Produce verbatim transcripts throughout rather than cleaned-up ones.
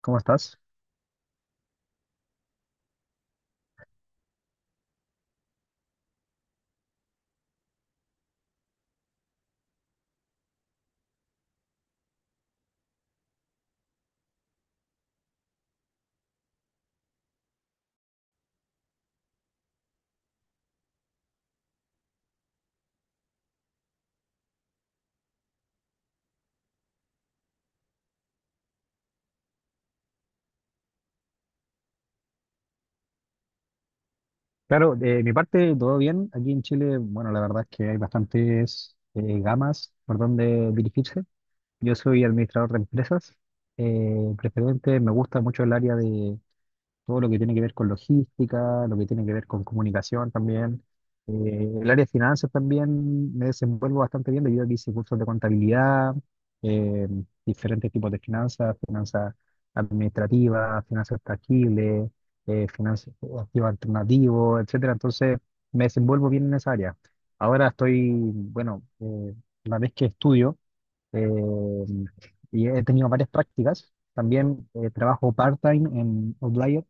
¿Cómo estás? Claro, de mi parte todo bien. Aquí en Chile, bueno, la verdad es que hay bastantes eh, gamas por donde dirigirse. Yo soy administrador de empresas. Eh, preferente, me gusta mucho el área de, todo lo que tiene que ver con logística, lo que tiene que ver con comunicación también. Eh, el área de finanzas también me desenvuelvo bastante bien debido a que hice cursos de contabilidad, eh, diferentes tipos de finanzas, finanzas administrativas, finanzas tangibles, eh, finanzas activos alternativos, etcétera. Entonces me desenvuelvo bien en esa área. Ahora estoy, bueno, eh, la vez que estudio eh, y he tenido varias prácticas, también eh, trabajo part-time en Outlier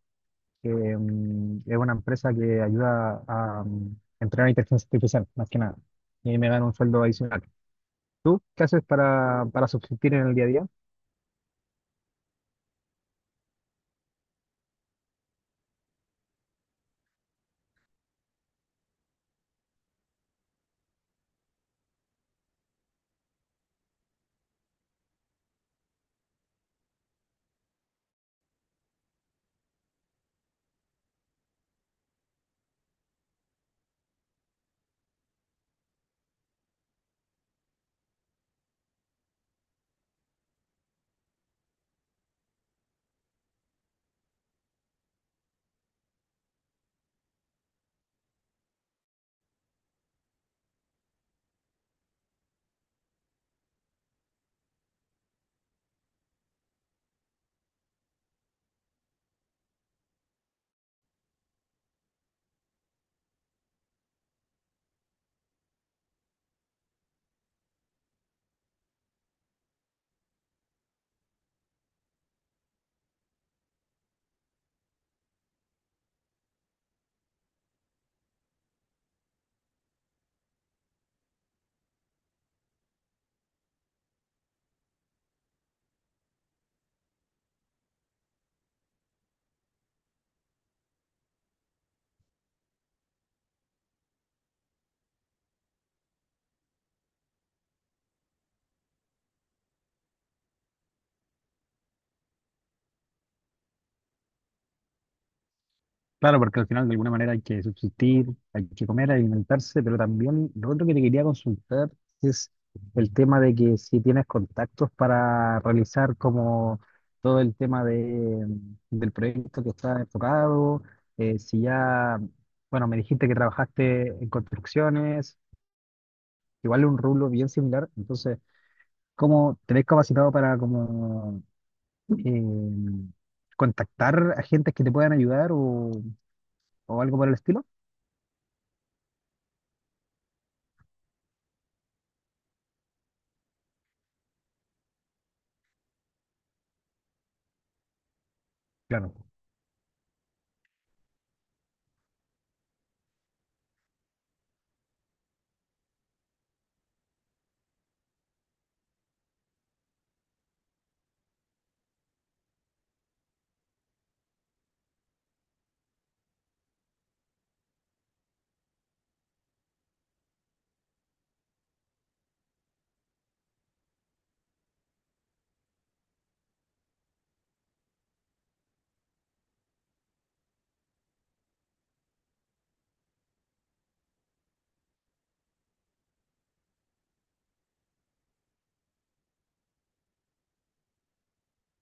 que mm, es una empresa que ayuda a mm, entrenar inteligencia artificial, más que nada. Y ahí me gano un sueldo adicional. ¿Tú qué haces para, para subsistir en el día a día? Claro, porque al final de alguna manera hay que subsistir, hay que comer, alimentarse, pero también lo otro que te quería consultar es el tema de que si tienes contactos para realizar como todo el tema de, mm, del proyecto que está enfocado, eh, si ya, bueno, me dijiste que trabajaste en construcciones, igual es un rublo bien similar. Entonces, ¿cómo te ves capacitado para como eh, contactar a gente que te puedan ayudar o, o algo por el estilo? Claro,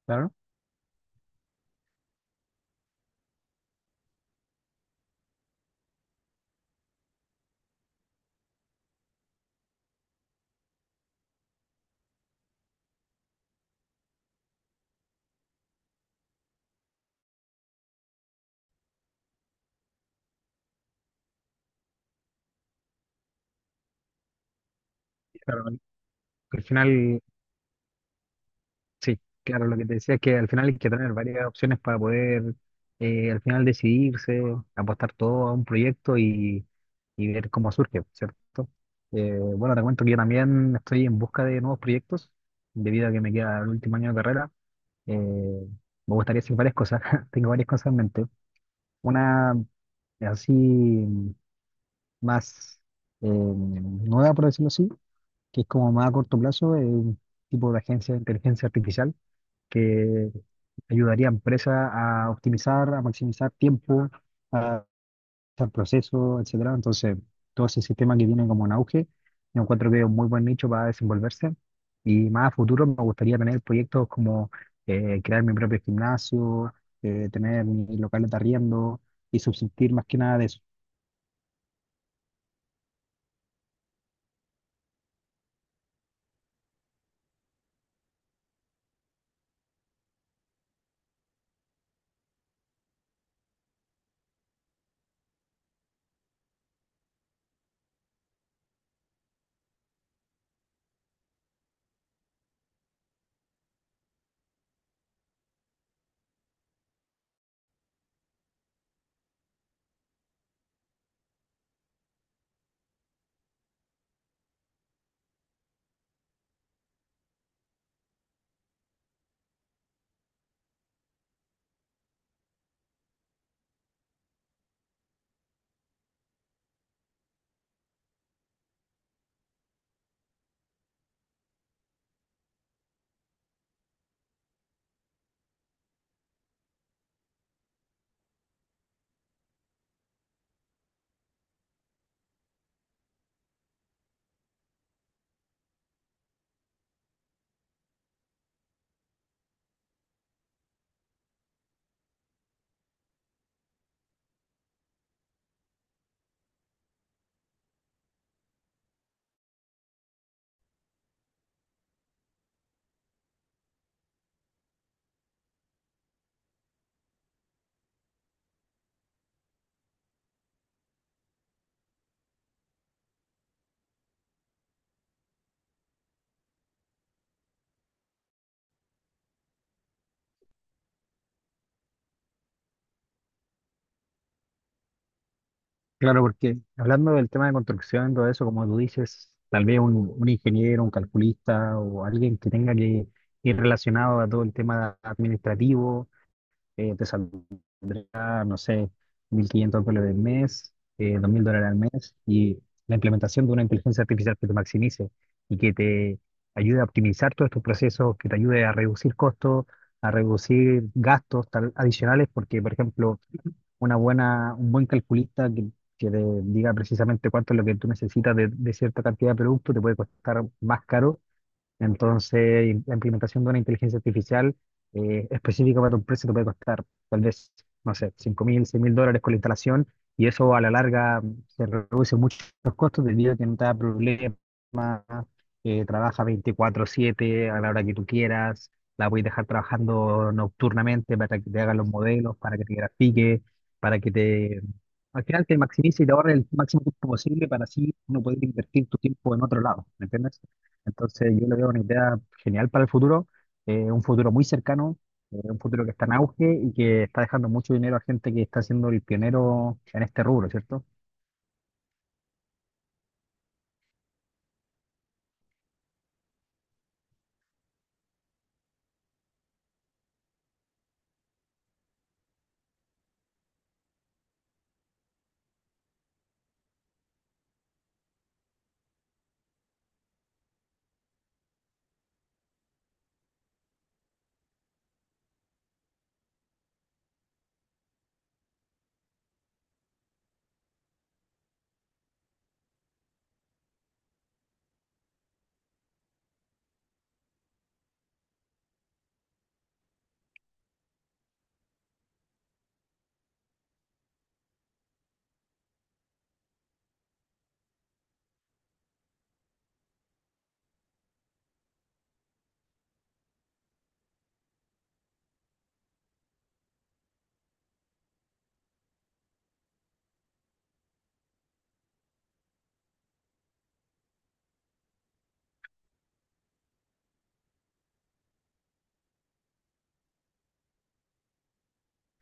claro. Claro. Al final, sí, claro, lo que te decía es que al final hay que tener varias opciones para poder eh, al final decidirse, apostar todo a un proyecto y, y ver cómo surge, ¿cierto? Eh, bueno, te cuento que yo también estoy en busca de nuevos proyectos, debido a que me queda el último año de carrera. Eh, me gustaría hacer varias cosas, tengo varias cosas en mente. Una así mm, más eh, nueva, por decirlo así, que es como más a corto plazo, eh, un tipo de agencia de inteligencia artificial que ayudaría a empresas a optimizar, a maximizar tiempo, al proceso, etcétera. Entonces, todo ese sistema que tiene como un auge, yo encuentro que es un muy buen nicho para desenvolverse. Y más a futuro me gustaría tener proyectos como eh, crear mi propio gimnasio, eh, tener mis locales de arriendo y subsistir más que nada de eso. Claro, porque hablando del tema de construcción, todo eso, como tú dices, tal vez un, un ingeniero, un calculista o alguien que tenga que ir relacionado a todo el tema administrativo, eh, te saldrá a, no sé, mil quinientos dólares al mes, eh, dos mil dólares al mes, y la implementación de una inteligencia artificial que te maximice y que te ayude a optimizar todos estos procesos, que te ayude a reducir costos, a reducir gastos tal- adicionales, porque, por ejemplo, una buena, un buen calculista que, que te diga precisamente cuánto es lo que tú necesitas de, de cierta cantidad de producto te puede costar más caro. Entonces, y la implementación de una inteligencia artificial eh, específica para tu empresa te puede costar tal vez, no sé, cinco mil, seis mil dólares con la instalación, y eso a la larga mm, se reduce muchos costos debido a que no te da problemas, eh, trabaja veinticuatro siete a la hora que tú quieras, la puedes dejar trabajando nocturnamente para que te hagan los modelos, para que te grafique, para que te... Al final te maximice y te ahorre el máximo tiempo posible para así no poder invertir tu tiempo en otro lado, ¿me entiendes? Entonces yo le veo una idea genial para el futuro, eh, un futuro muy cercano, eh, un futuro que está en auge y que está dejando mucho dinero a gente que está siendo el pionero en este rubro, ¿cierto?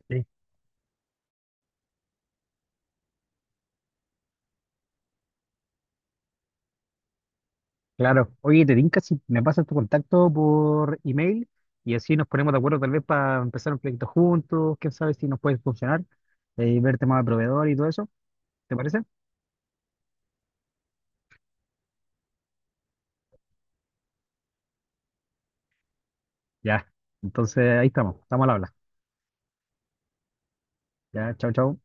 Sí. Claro. Oye, te tinca si me pasas tu contacto por email y así nos ponemos de acuerdo tal vez para empezar un proyecto juntos, quién sabe si nos puede funcionar, eh, y ver temas de proveedor y todo eso, ¿te parece? Ya. Entonces ahí estamos, estamos al habla. Ya, chao, chao.